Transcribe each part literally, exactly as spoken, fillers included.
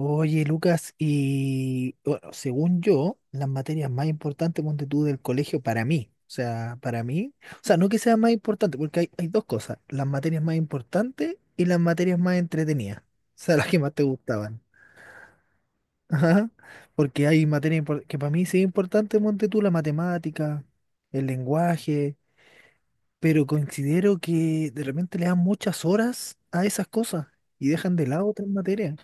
Oye, Lucas, y bueno, según yo, las materias más importantes, ponte tú, del colegio para mí, o sea, para mí, o sea, no que sea más importante, porque hay, hay dos cosas, las materias más importantes y las materias más entretenidas, o sea, las que más te gustaban. Ajá, porque hay materias impor- que para mí sí es importante, ponte tú, la matemática, el lenguaje, pero considero que de repente le dan muchas horas a esas cosas y dejan de lado otras materias.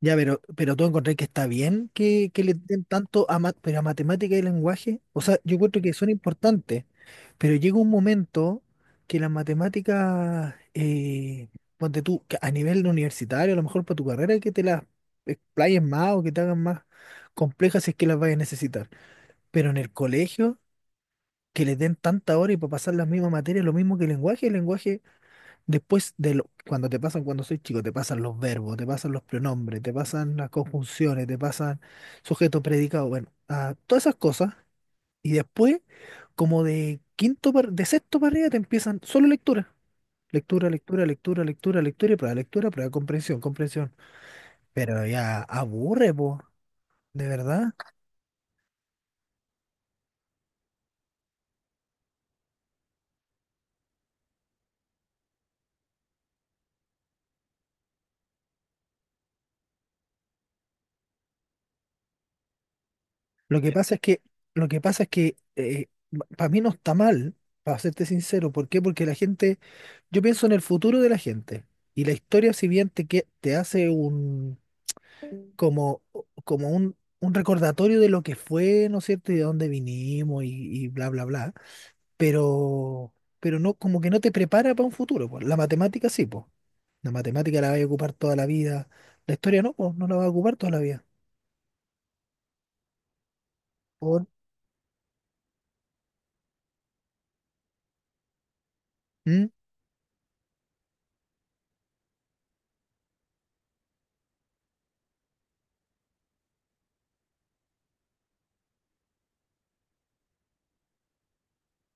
Ya, pero, pero tú encontrás que está bien que, que le den tanto a, ma- pero a matemática y lenguaje. O sea, yo encuentro que son importantes, pero llega un momento que las matemáticas, eh, ponte tú, que a nivel universitario, a lo mejor para tu carrera, que te las explayen más o que te hagan más complejas si es que las vayas a necesitar. Pero en el colegio, que les den tanta hora y para pasar las mismas materias, lo mismo que el lenguaje, el lenguaje. Después de lo, cuando te pasan, cuando soy chico, te pasan los verbos, te pasan los pronombres, te pasan las conjunciones, te pasan sujeto, predicado, bueno, ah, todas esas cosas. Y después, como de quinto, par- de sexto para arriba, te empiezan solo lectura. Lectura, lectura, lectura, lectura, lectura y prueba, lectura, prueba, comprensión, comprensión. Pero ya aburre, po, de verdad. Lo que pasa es que, lo que pasa es que eh, para mí no está mal, para serte sincero. ¿Por qué? Porque la gente, yo pienso en el futuro de la gente. Y la historia, si bien te, que- te hace un, como, como un, un recordatorio de lo que fue, ¿no es cierto? Y de dónde vinimos y, y bla, bla, bla. Pero, pero no, como que no te prepara para un futuro, po. La matemática sí, pues. La matemática la vas a ocupar toda la vida. La historia no, pues, no la vas a ocupar toda la vida. Por,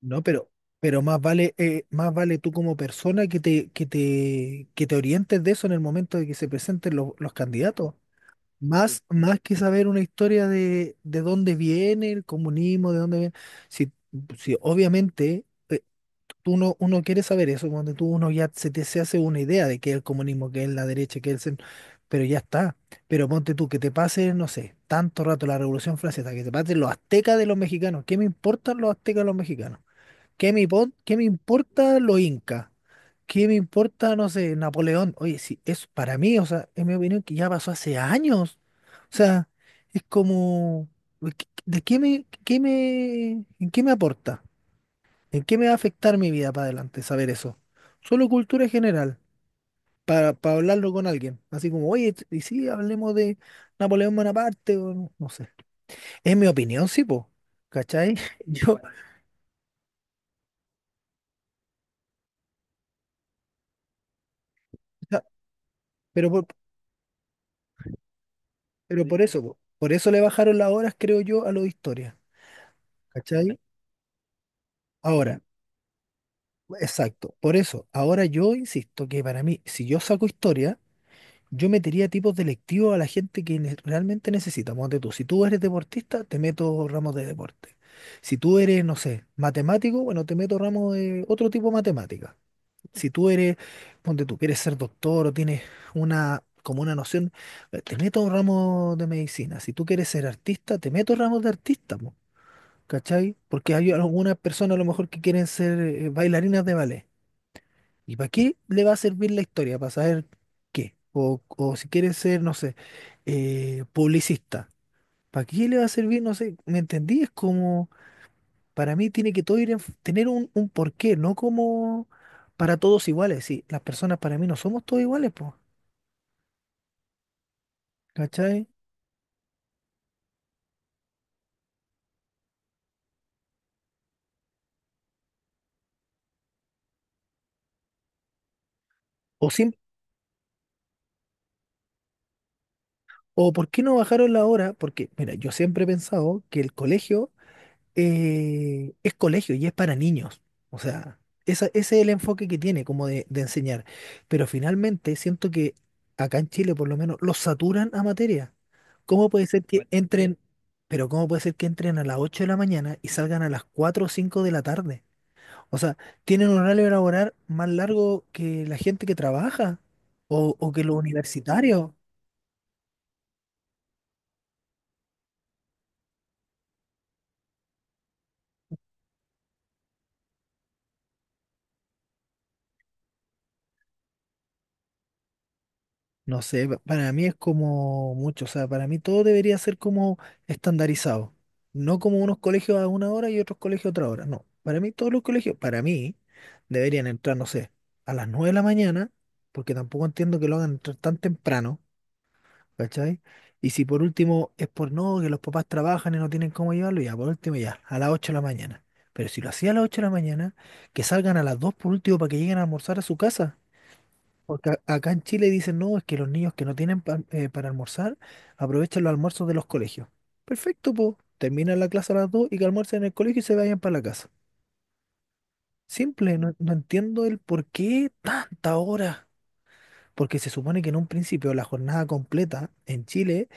no, pero, pero más vale, eh, más vale tú como persona que te, que te, que te orientes de eso en el momento de que se presenten los, los candidatos. Sí. Más, más que saber una historia de, de dónde viene el comunismo, de dónde viene. Si, si obviamente eh, tú no, uno quiere saber eso, cuando tú uno ya se te se hace una idea de qué es el comunismo, qué es la derecha, qué es el centro, pero ya está. Pero ponte tú que te pase, no sé, tanto rato la Revolución Francesa, que te pasen los aztecas de los mexicanos. ¿Qué me importan los aztecas de los mexicanos? ¿Qué me, pon- qué me importa los incas? ¿Qué me importa, no sé, Napoleón? Oye, sí, es para mí, o sea, es mi opinión que ya pasó hace años. O sea, es como, ¿de qué ¿de qué me, qué me, en qué me aporta? ¿En qué me va a afectar mi vida para adelante saber eso? Solo cultura general, para, para hablarlo con alguien. Así como, oye, t- y sí, hablemos de Napoleón Bonaparte, o no, no sé. Es mi opinión, sí, po. ¿Cachai? Yo, o sea, pero por- Pero por eso, po, por eso le bajaron las horas, creo yo, a lo de historia. ¿Cachai? Ahora, exacto, por eso. Ahora yo insisto que para mí, si yo saco historia, yo metería tipos de lectivo a la gente que ne- realmente necesita. Ponte tú, si tú eres deportista, te meto ramos de deporte. Si tú eres, no sé, matemático, bueno, te meto ramos de otro tipo de matemática. Si tú eres, ponte tú, quieres ser doctor o tienes una, como una noción, eh, te meto un ramo de medicina. Si tú quieres ser artista, te meto ramos de artista. ¿Cachai? Porque hay algunas personas a lo mejor que quieren ser eh, bailarinas de ballet. ¿Y para qué le va a servir la historia? ¿Para saber qué? O, o si quieren ser, no sé, eh, publicista. ¿Para qué le va a servir? No sé, ¿me entendí? Es como, para mí tiene que todo ir en f- tener un, un porqué, no como para todos iguales. Sí, las personas para mí no somos todos iguales, pues. ¿Cachai? O, siem- o ¿Por qué no bajaron la hora? Porque, mira, yo siempre he pensado que el colegio eh, es colegio y es para niños. O sea, esa- ese es el enfoque que tiene como de, de enseñar. Pero finalmente siento que acá en Chile por lo menos los saturan a materia. ¿Cómo puede ser que Bueno, entren, pero ¿cómo puede ser que entren a las ocho de la mañana y salgan a las cuatro o cinco de la tarde? O sea, tienen un horario laboral más largo que la gente que trabaja o, o que los universitarios. No sé, pa- para mí es como mucho, o sea, para mí todo debería ser como estandarizado, no como unos colegios a una hora y otros colegios a otra hora, no, para mí todos los colegios, para mí, deberían entrar, no sé, a las nueve de la mañana, porque tampoco entiendo que lo hagan entrar tan temprano, ¿cachai? Y si por último es por no, que los papás trabajan y no tienen cómo llevarlo, ya, por último ya, a las ocho de la mañana, pero si lo hacía a las ocho de la mañana, que salgan a las dos por último para que lleguen a almorzar a su casa. Porque a- acá en Chile dicen, no, es que los niños que no tienen pa- eh, para almorzar aprovechan los almuerzos de los colegios. Perfecto, po. Terminan la clase a las dos y que almuercen en el colegio y se vayan para la casa. Simple, no, no entiendo el por qué tanta hora. Porque se supone que en un principio la jornada completa en Chile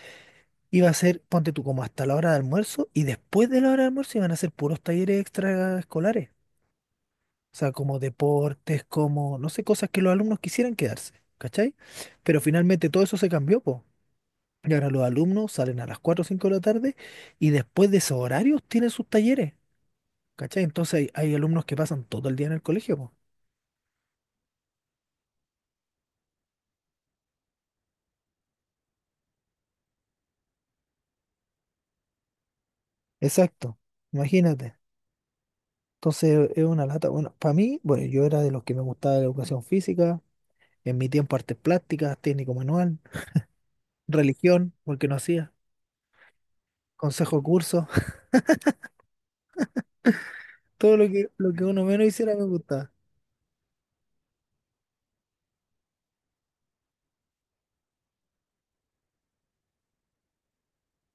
iba a ser, ponte tú, como hasta la hora de almuerzo y después de la hora de almuerzo iban a ser puros talleres extraescolares. O sea, como deportes, como, no sé, cosas que los alumnos quisieran quedarse. ¿Cachai? Pero finalmente todo eso se cambió, pues. Y ahora los alumnos salen a las cuatro o cinco de la tarde y después de esos horarios tienen sus talleres, ¿cachai? Entonces hay, hay alumnos que pasan todo el día en el colegio, po. Exacto, imagínate. Entonces es una lata. Bueno, para mí, bueno, yo era de los que me gustaba la educación física, en mi tiempo artes plásticas, técnico manual, religión, porque no hacía, consejo curso, todo lo que, lo que uno menos hiciera me gustaba.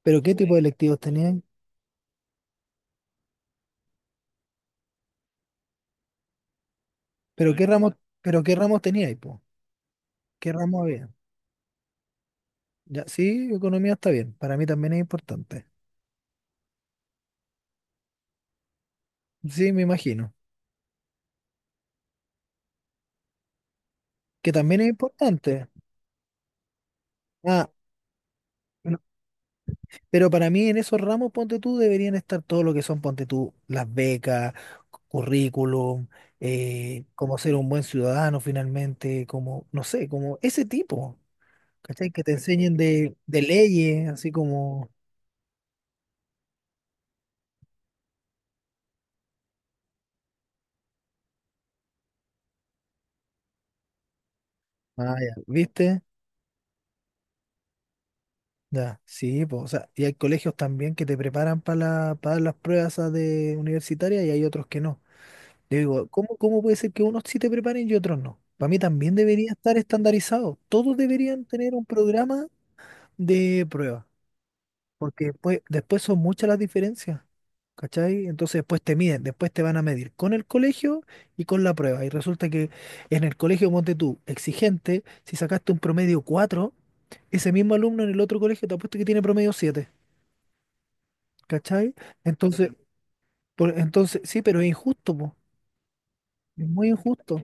Pero ¿qué tipo de electivos teníais? ¿Pero qué ramos, pero qué ramos teníais, po? ¿Qué ramos había? Ya, sí, economía está bien, para mí también es importante. Sí, me imagino. Que también es importante. Ah, Bueno, pero para mí en esos ramos, ponte tú, deberían estar todo lo que son, ponte tú, las becas, currículum, eh, cómo ser un buen ciudadano finalmente, como, no sé, como ese tipo, ¿cachai? Que te enseñen de, de leyes, así como, ah, ya, ¿viste? Ya, sí, pues, o sea, y hay colegios también que te preparan para la- para las pruebas esas de universitarias y hay otros que no. Yo digo, ¿cómo, cómo puede ser que unos sí te preparen y otros no? Para mí también debería estar estandarizado. Todos deberían tener un programa de prueba, porque después, después son muchas las diferencias, ¿cachai? Entonces después te miden, después te van a medir con el colegio y con la prueba. Y resulta que en el colegio, ponte tú, exigente, si sacaste un promedio cuatro, ese mismo alumno en el otro colegio te apuesto que tiene promedio siete, ¿cachai? Entonces, por- entonces sí, pero es injusto, po. Es muy injusto.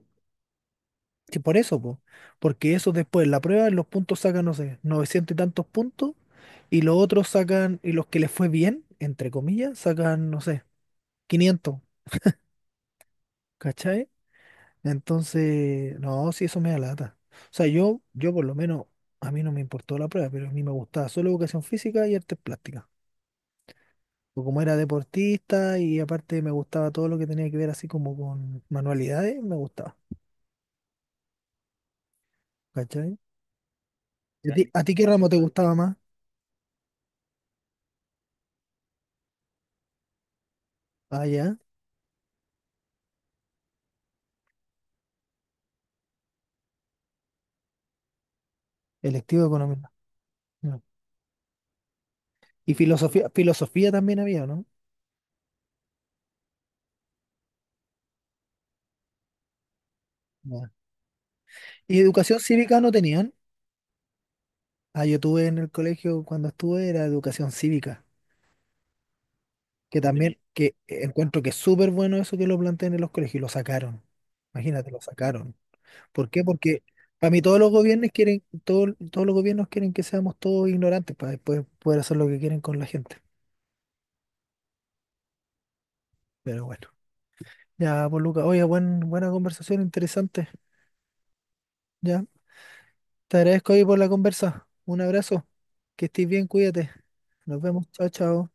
Sí, por eso, po. Porque eso después, la prueba, los puntos sacan, no sé, novecientos y tantos puntos, y los otros sacan, y los que les fue bien, entre comillas, sacan, no sé, quinientos, ¿cachai? Entonces, no, sí, eso me da lata. O sea, yo, yo por lo menos, a mí no me importó la prueba, pero a mí me gustaba solo educación física y artes plásticas. Porque como era deportista y aparte me gustaba todo lo que tenía que ver así como con manualidades, me gustaba, ¿cachai? ¿Y ¿A ti, a ti qué ramo te gustaba más? Ah, ya, electivo de economía. Y filosofía, filosofía también había, ¿no? Ya. ¿Y educación cívica no tenían? Ah, yo tuve en el colegio cuando estuve era educación cívica, que también que encuentro que es súper bueno eso que lo planteen en los colegios y lo sacaron. Imagínate, lo sacaron. ¿Por qué? Porque para mí todos los gobiernos quieren, todo- todos los gobiernos quieren que seamos todos ignorantes para después poder hacer lo que quieren con la gente. Pero bueno. Ya, pues Luca, oye, buen, buena conversación, interesante. Ya. Te agradezco hoy por la conversa. Un abrazo. Que estés bien, cuídate. Nos vemos. Chao, chao.